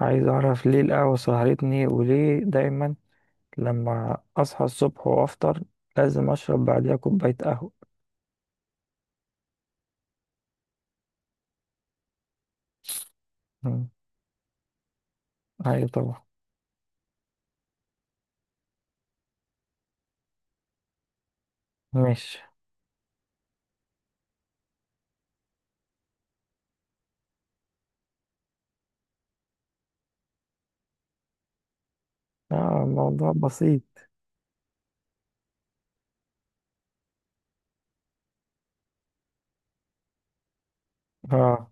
عايز اعرف ليه القهوة سهرتني وليه دايما لما اصحى الصبح وافطر لازم اشرب بعديها كوباية قهوة. مم. ايوه طبعا. ماشي. اه الموضوع بسيط. اه.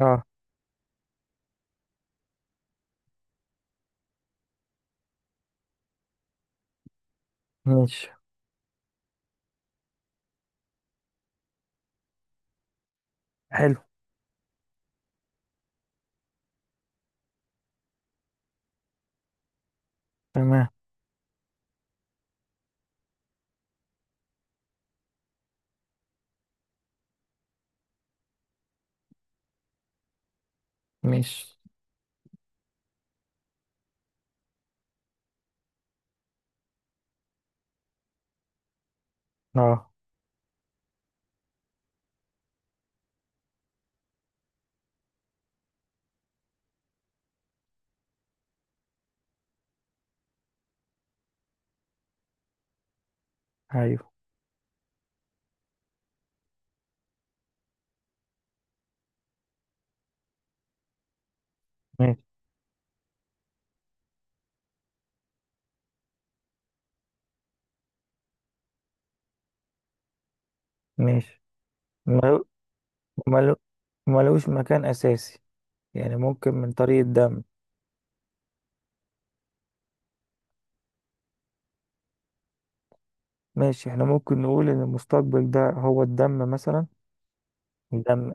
اه. ماشي. حلو. تمام. ماشي. اه. ايوه. ماشي. ماشي. ملو. ملو. ملوش مكان اساسي، يعني ممكن من طريق الدم. ماشي. احنا ممكن نقول ان المستقبل ده هو الدم مثلا. الدم.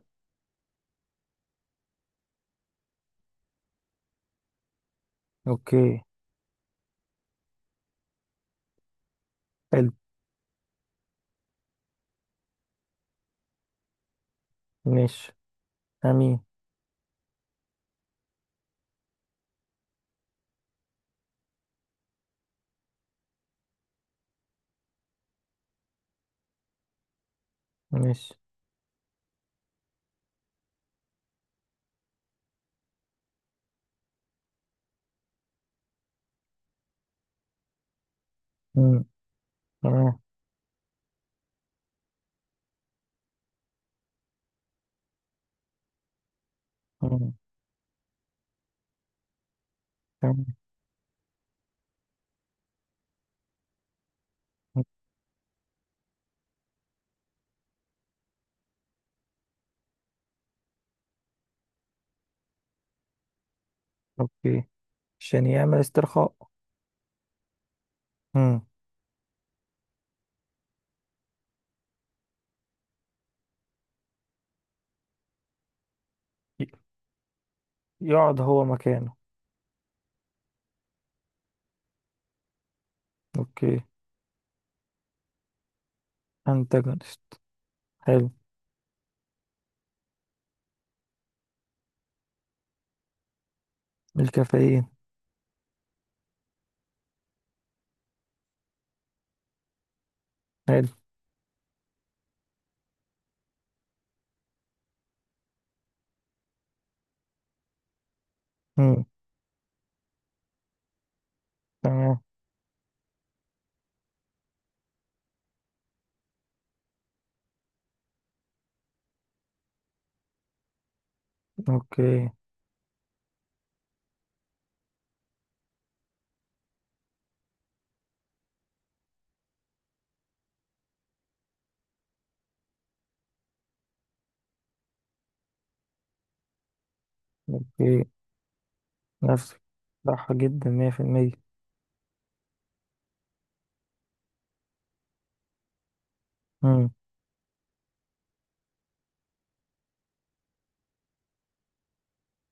اوكي. حلو. ماشي. امين. ماشي. مم. تمام. مم. تمام. مم. اوكي. عشان يعمل استرخاء. مم. ي- يقعد هو مكانه. اوكي. انتاجونست. حلو. الكافيين. حلو. مم. تمام. اوكي. اوكي. نفسك. صح جدا، مية في المية. مم.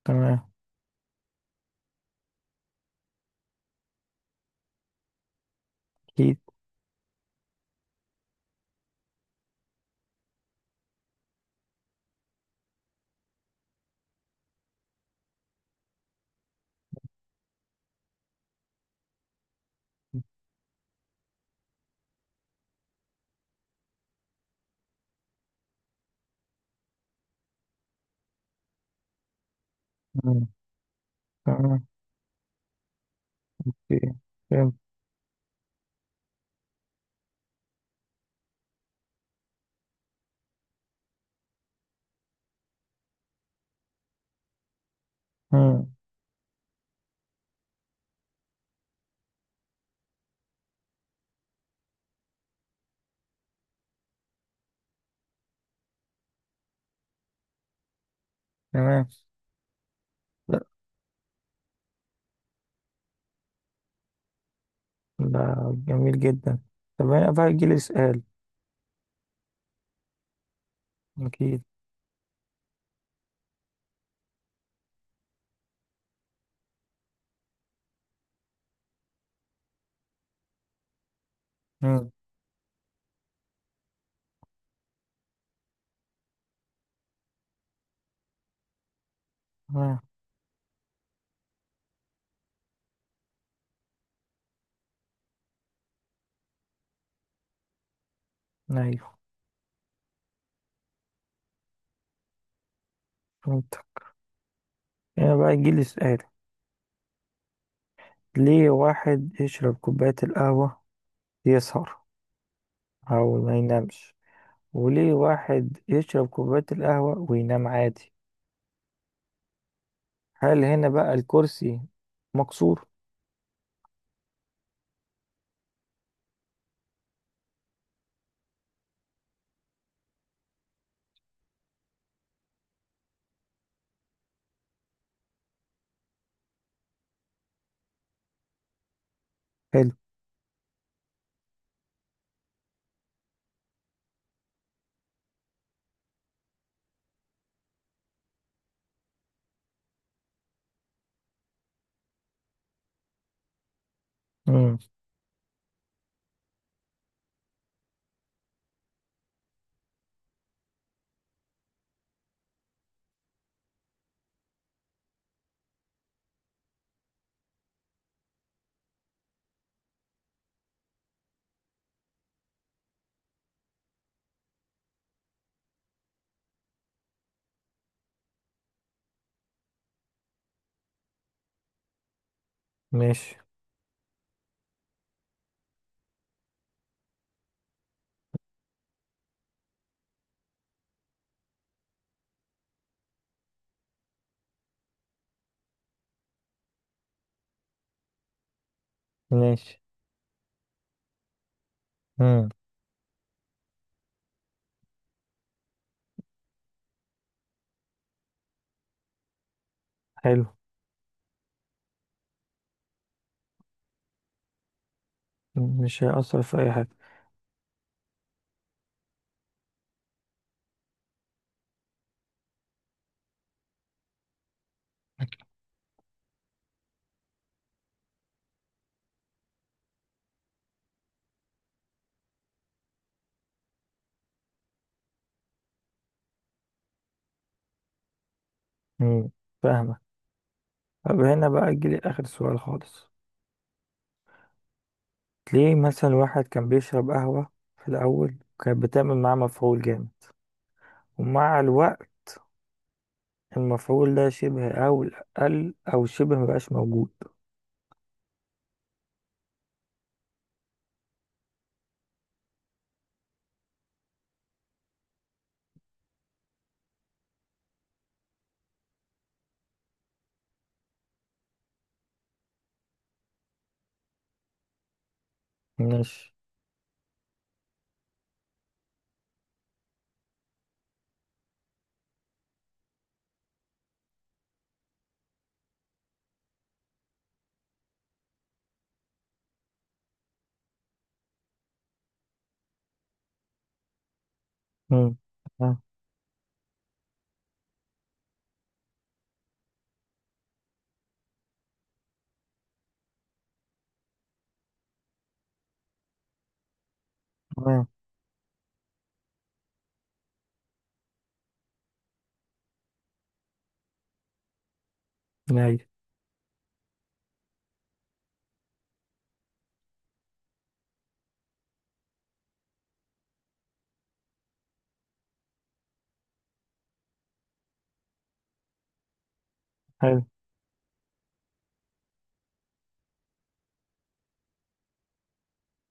تمام. اكيد. مم. تمام. اوكي. فهمت. مم. تمام. لا، ده جميل جدا. طب هنا بقى يجيلي سؤال. اكيد. مم. تمام. ايوه. فهمت. هنا بقى يجيلي سؤال، ليه واحد يشرب كوباية القهوة يسهر أو ما ينامش، وليه واحد يشرب كوباية القهوة وينام عادي؟ هل هنا بقى الكرسي مكسور؟ حلو. امم. ماشي. ماشي. امم. حلو. مش هيأثر في أي حاجة. امم. فاهمة. طب هنا بقى أجيلي آخر سؤال خالص. ليه مثلا واحد كان بيشرب قهوة في الأول كانت بتعمل معاه مفعول جامد، ومع الوقت المفعول ده شبه، أو قل أو شبه مبقاش موجود. ماشي. مم. تمام. تمام. أيوة. حلو.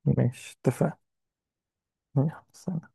ماشي. اتفقنا.